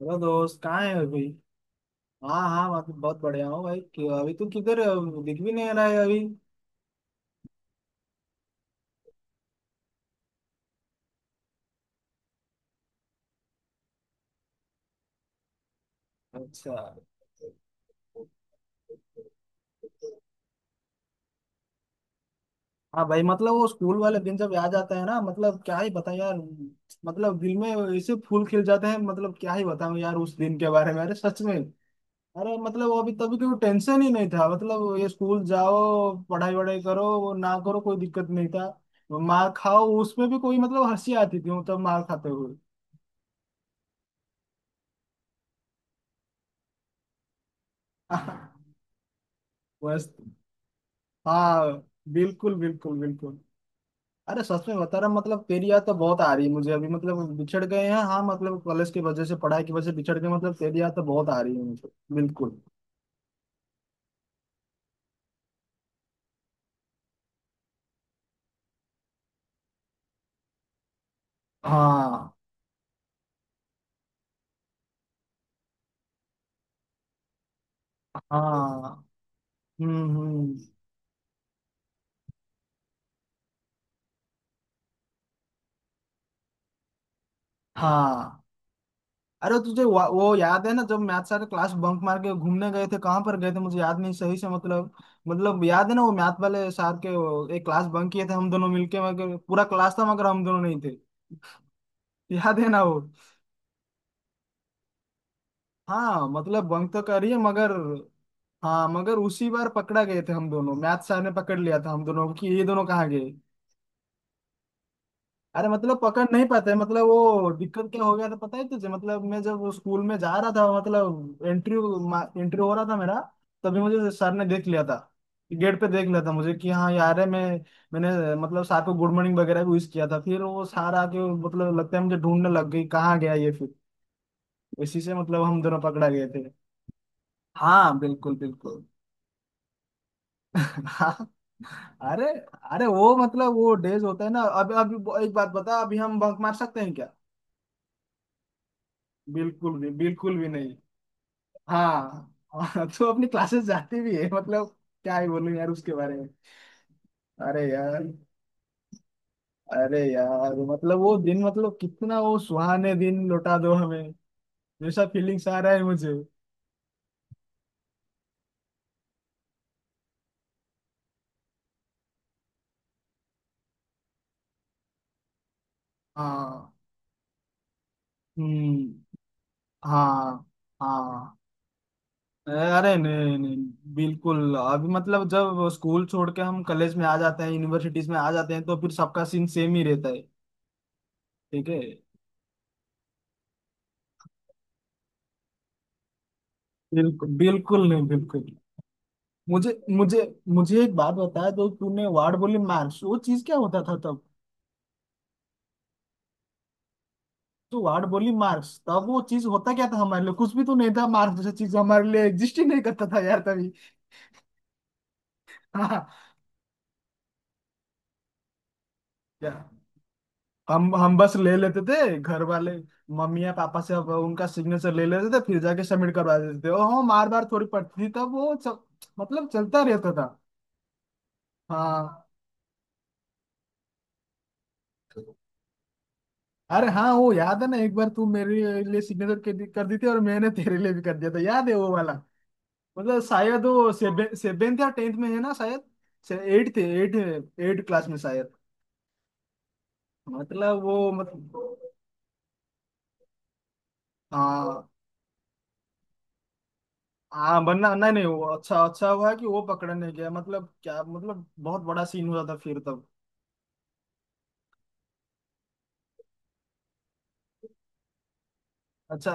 Hello दोस्त, कहाँ है अभी? हाँ, हाँ, मैं तो बहुत बढ़िया हूँ भाई। अभी तू किधर है? दिख भी नहीं रहा है अभी। अच्छा। हाँ भाई, मतलब वो स्कूल वाले दिन जब याद आता है ना, मतलब क्या ही बता यार। मतलब दिल में ऐसे फूल खिल जाते हैं, मतलब क्या ही बताऊँ यार उस दिन के बारे में। अरे, सच में। अरे मतलब अभी तभी कोई टेंशन ही नहीं था। मतलब ये स्कूल जाओ, पढ़ाई वढ़ाई करो, वो ना करो, कोई दिक्कत नहीं था। मार खाओ, उसमें भी कोई मतलब हंसी आती थी मतलब मार खाते हुए। बस। हाँ। बिल्कुल, बिल्कुल, बिल्कुल। अरे सच में बता रहा हूँ, मतलब तेरी याद तो बहुत आ रही है मुझे अभी। मतलब बिछड़ गए हैं, हाँ, मतलब कॉलेज की वजह से, पढ़ाई की वजह से बिछड़ गए। मतलब तेरी याद तो बहुत आ रही है मुझे। बिल्कुल। हाँ, हाँ। हम्म, हम्म। हाँ। अरे, तुझे वो याद है ना जब मैथ सारे क्लास बंक मार के घूमने गए थे? कहाँ पर गए थे मुझे याद नहीं सही से, मतलब। मतलब याद है ना वो मैथ वाले सार के, वो एक क्लास बंक किए थे हम दोनों मिलके, मगर पूरा क्लास था मगर हम दोनों नहीं थे। याद है ना वो? हाँ मतलब बंक तो करिए मगर। हाँ, मगर उसी बार पकड़ा गए थे हम दोनों। मैथ सर ने पकड़ लिया था हम दोनों को कि ये दोनों कहाँ गए। अरे मतलब पकड़ नहीं पाते, मतलब वो दिक्कत क्या हो गया था पता है तुझे? मतलब मैं जब वो स्कूल में जा रहा था, मतलब एंट्री। एंट्री हो रहा था मेरा। तभी मुझे सर ने देख लिया था। गेट पे देख लिया था मुझे कि हाँ यार, है मैं। मैंने मतलब सर को गुड मॉर्निंग वगैरह भी विश किया था। फिर वो सर आके मतलब लगता है मुझे ढूंढने लग गई कहाँ गया ये फिर। इसी से मतलब हम दोनों पकड़ा गए थे। हाँ, बिल्कुल, बिल्कुल। हाँ। अरे। अरे, वो मतलब वो डेज होता है ना, अब। एक बात बता, अभी हम बंक मार सकते हैं क्या? बिल्कुल भी, बिल्कुल भी नहीं। हाँ, हाँ, तो अपनी क्लासेस जाती भी है मतलब। क्या ही बोलूं यार उसके बारे में। अरे यार। अरे यार, मतलब वो दिन, मतलब कितना, वो सुहाने दिन लौटा दो हमें। जैसा फीलिंग्स आ रहा है मुझे। हाँ। हम्म। हाँ, हाँ। अरे, नहीं, नहीं। बिल्कुल। अभी मतलब जब स्कूल छोड़ के हम कॉलेज में आ जाते हैं, यूनिवर्सिटीज में आ जाते हैं, तो फिर सबका सीन सेम ही रहता है। ठीक है। बिल्कुल, बिल्कुल नहीं, बिल्कुल। मुझे मुझे मुझे एक बात बताया तो तूने वार्ड बोली मार्क्स वो चीज क्या होता था तब? तो वार्ड बोली मार्क्स तब वो चीज होता क्या था हमारे लिए? कुछ भी तो नहीं था। मार्क्स जैसा चीज हमारे लिए एग्जिस्ट ही नहीं करता था यार तभी। हाँ, हाँ। क्या? हम बस ले लेते थे घर वाले। मम्मी या पापा से, अब उनका सिग्नेचर ले लेते थे, फिर जाके सबमिट करवा देते थे, और हम मार बार थोड़ी पड़ती थी तब वो सब। मतलब चलता रहता था। हाँ, अरे हाँ, वो याद है ना एक बार तू मेरे लिए सिग्नेचर कर दी थी, और मैंने तेरे लिए भी कर दिया था, याद है वो वाला? मतलब शायद वो सेवेंथ या टेंथ में है ना शायद। एट थे, एट। एट क्लास में शायद। मतलब वो मतलब। हाँ, हाँ, बनना नहीं, नहीं वो अच्छा, अच्छा हुआ कि वो पकड़ा नहीं गया, मतलब क्या, मतलब बहुत बड़ा सीन हो जाता फिर तब। अच्छा।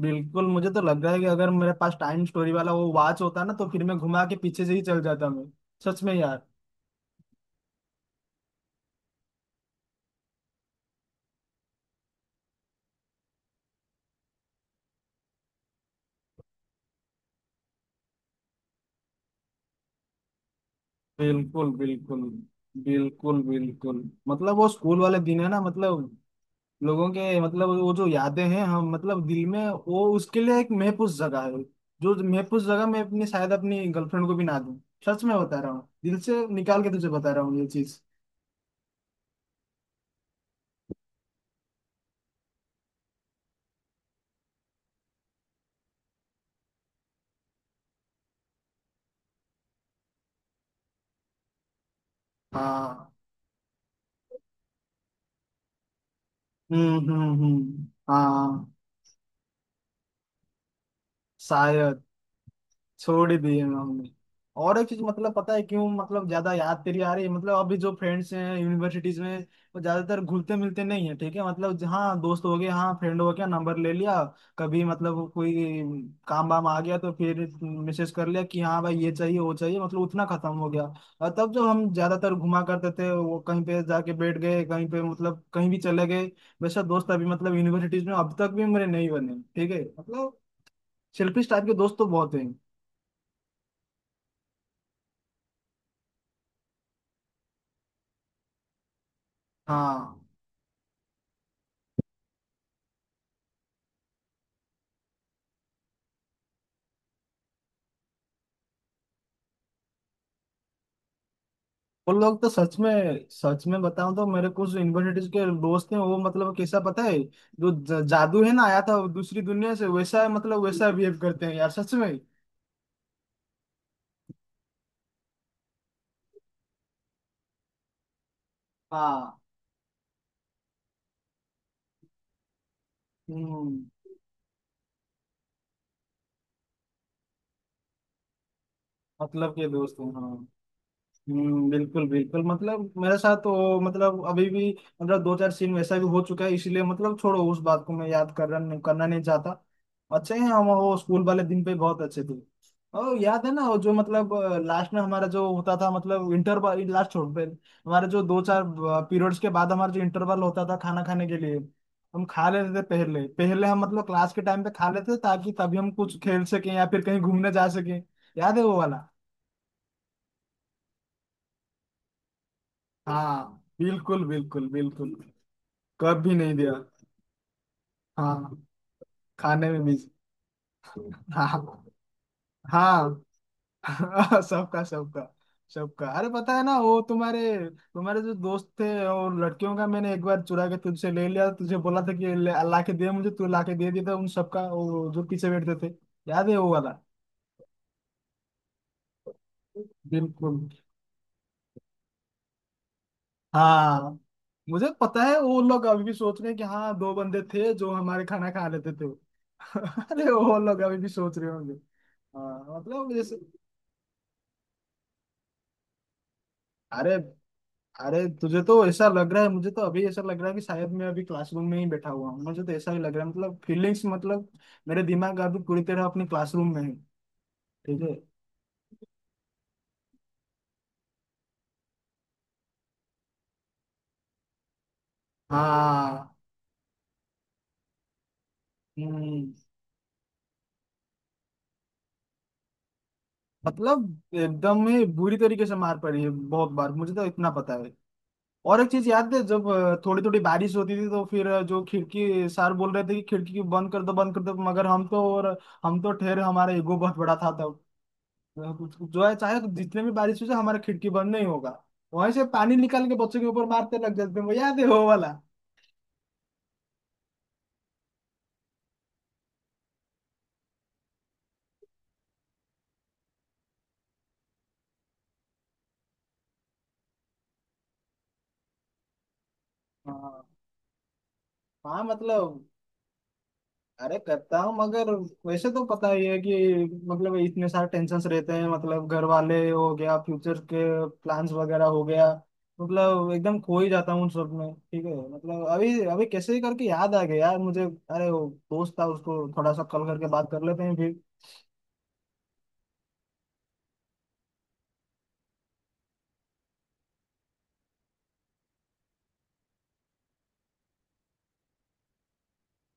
बिल्कुल। मुझे तो लग रहा है कि अगर मेरे पास टाइम स्टोरी वाला वो वॉच होता ना, तो फिर मैं घुमा के पीछे से ही चल जाता मैं। सच में यार। बिल्कुल, बिल्कुल, बिल्कुल, बिल्कुल। मतलब वो स्कूल वाले दिन है ना, मतलब। लोगों के मतलब वो जो यादें हैं हम मतलब दिल में। वो उसके लिए एक महफूज जगह है। जो महफूज जगह मैं अपनी शायद अपनी गर्लफ्रेंड को भी ना दूं। सच में बता रहा हूँ, दिल से निकाल के तुझे बता रहा हूँ ये चीज। हाँ। हम्म, हम्म, हम्म। हाँ। शायद। छोड़ ही दिए हमने। और एक चीज मतलब, पता है क्यों मतलब ज्यादा याद तेरी आ रही है? मतलब अभी जो फ्रेंड्स हैं यूनिवर्सिटीज में, वो ज्यादातर घुलते मिलते नहीं है, ठीक है मतलब, हाँ दोस्त हो गए, हाँ फ्रेंड हो गया, नंबर ले लिया। कभी मतलब कोई काम वाम आ गया, तो फिर मैसेज कर लिया कि हाँ भाई ये चाहिए वो चाहिए, मतलब उतना खत्म हो गया। और तब जब हम ज्यादातर घुमा करते थे, वो कहीं पे जाके बैठ गए, कहीं पे मतलब कहीं भी चले गए। वैसा दोस्त अभी मतलब यूनिवर्सिटीज में अब तक भी मेरे नहीं बने, ठीक है मतलब। सेल्फिश टाइप के दोस्त तो बहुत हैं। हाँ। वो लोग तो, सच में बताऊं तो, मेरे कुछ यूनिवर्सिटीज के दोस्त हैं वो मतलब कैसा पता है। जो जादू है ना आया था दूसरी दुनिया से, वैसा मतलब वैसा बिहेव करते हैं यार, सच में। हाँ, हम्म। मतलब के दोस्त हैं, हाँ। हम्म, बिल्कुल, बिल्कुल। मतलब मेरे साथ तो मतलब अभी भी। मतलब दो चार सीन वैसा भी हो चुका है, इसीलिए मतलब छोड़ो उस बात को, मैं याद करना करना नहीं चाहता। अच्छे हैं हम, वो स्कूल वाले दिन पे बहुत अच्छे थे। और याद है ना वो जो मतलब लास्ट में हमारा जो होता था मतलब इंटरवल, लास्ट छोड़ पे हमारे जो दो चार पीरियड्स के बाद हमारा जो इंटरवल होता था खाना खाने के लिए। हम खा लेते थे पहले, पहले हम मतलब क्लास के टाइम पे खा लेते थे ताकि तभी हम कुछ खेल सकें या फिर कहीं घूमने जा सकें। याद है वो वाला? हाँ, बिल्कुल, बिल्कुल, बिल्कुल। कब भी नहीं दिया। हाँ, खाने में भी। हाँ, हाँ, हाँ, सबका सबका। सबका। अरे पता है ना वो तुम्हारे तुम्हारे जो दोस्त थे और लड़कियों का, मैंने एक बार चुरा के तुझसे ले लिया, तुझे बोला था कि ला के दे मुझे, तू ला के दे दिया था उन सबका, वो जो पीछे बैठते थे। याद है वो वाला? बिल्कुल। हाँ, मुझे पता है वो लोग अभी भी सोच रहे हैं कि हाँ दो बंदे थे जो हमारे खाना खा लेते थे। अरे, वो लोग अभी भी सोच रहे होंगे। हाँ मतलब जैसे। अरे, अरे, तुझे तो ऐसा लग रहा है, मुझे तो अभी ऐसा लग रहा है कि शायद मैं अभी क्लासरूम में ही बैठा हुआ हूँ, मुझे तो ऐसा ही लग रहा है मतलब, फीलिंग्स मतलब। मेरे दिमाग अभी पूरी तरह अपनी क्लासरूम में है। ठीक है। हाँ, हम्म। मतलब एकदम ही बुरी तरीके से मार पड़ी है बहुत बार, मुझे तो इतना पता है। और एक चीज याद है जब थोड़ी थोड़ी बारिश होती थी, तो फिर जो खिड़की सर बोल रहे थे कि खिड़की की बंद कर दो, बंद कर दो, मगर हम तो, और। हम तो ठहरे, हमारा ईगो बहुत बड़ा था। जो है, चाहे तो जितने भी बारिश हो जाए, हमारा खिड़की बंद नहीं होगा। वहीं से पानी निकाल के बच्चों के ऊपर मारते लग जाते हैं, वो याद है वो वाला? हाँ, हाँ, मतलब। अरे करता हूँ मगर। वैसे तो पता ही है कि। मतलब इतने सारे टेंशन्स रहते हैं, मतलब घर वाले हो गया, फ्यूचर के प्लान्स वगैरह हो गया। मतलब एकदम खो ही जाता हूँ उन सब में, ठीक है मतलब। अभी अभी कैसे ही करके याद आ गया यार मुझे, अरे वो दोस्त था, उसको थोड़ा सा कॉल करके बात कर लेते हैं फिर।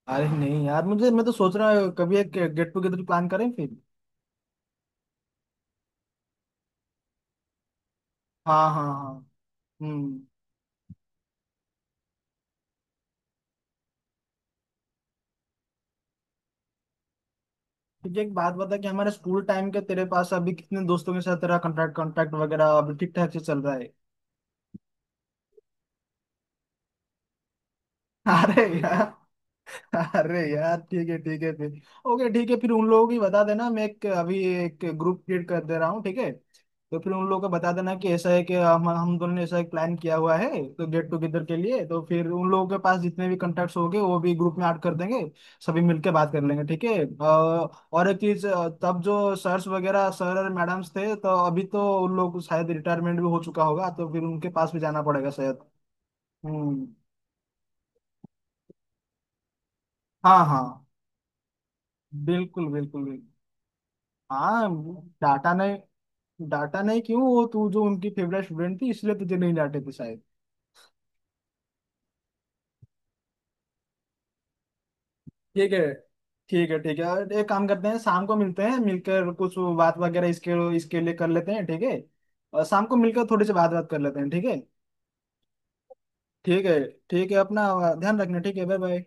अरे नहीं यार, मुझे, मैं तो सोच रहा हूँ कभी एक गेट टुगेदर प्लान करें फिर। हाँ, हाँ, हाँ। हम्म। तुझे एक बात बता कि हमारे स्कूल टाइम के तेरे पास अभी कितने दोस्तों के साथ तेरा कांटेक्ट, कांटेक्ट वगैरह अभी ठीक ठाक से चल रहा है? अरे यार। अरे यार, ठीक है, ठीक है फिर। ओके, ठीक है फिर। उन लोगों की बता देना, मैं एक अभी एक ग्रुप क्रिएट कर दे रहा हूँ ठीक है। तो फिर उन लोगों को बता देना कि ऐसा है कि हम दोनों ने ऐसा एक प्लान किया हुआ है तो गेट टुगेदर के लिए, तो फिर उन लोगों के पास जितने भी कॉन्टेक्ट्स होंगे वो भी ग्रुप में ऐड कर देंगे। सभी मिलके बात कर लेंगे ठीक है। और एक चीज, तब जो सर्स वगैरह, सर और मैडम्स थे, तो अभी तो उन लोग को शायद रिटायरमेंट भी हो चुका होगा, तो फिर उनके पास भी जाना पड़ेगा शायद। हम्म। हाँ, हाँ, बिल्कुल, बिल्कुल, बिल्कुल। हाँ। डाटा नहीं। डाटा नहीं क्यों, वो तू जो उनकी फेवरेट स्टूडेंट थी इसलिए तुझे नहीं डांटे थे शायद। ठीक है। ठीक है, ठीक है, और एक काम करते हैं शाम को मिलते हैं, मिलकर कुछ बात वगैरह इसके इसके लिए कर लेते हैं ठीक है। और शाम को मिलकर थोड़ी सी बात बात कर लेते हैं ठीक है। ठीक है। ठीक है, अपना ध्यान रखना ठीक है। Bye, bye.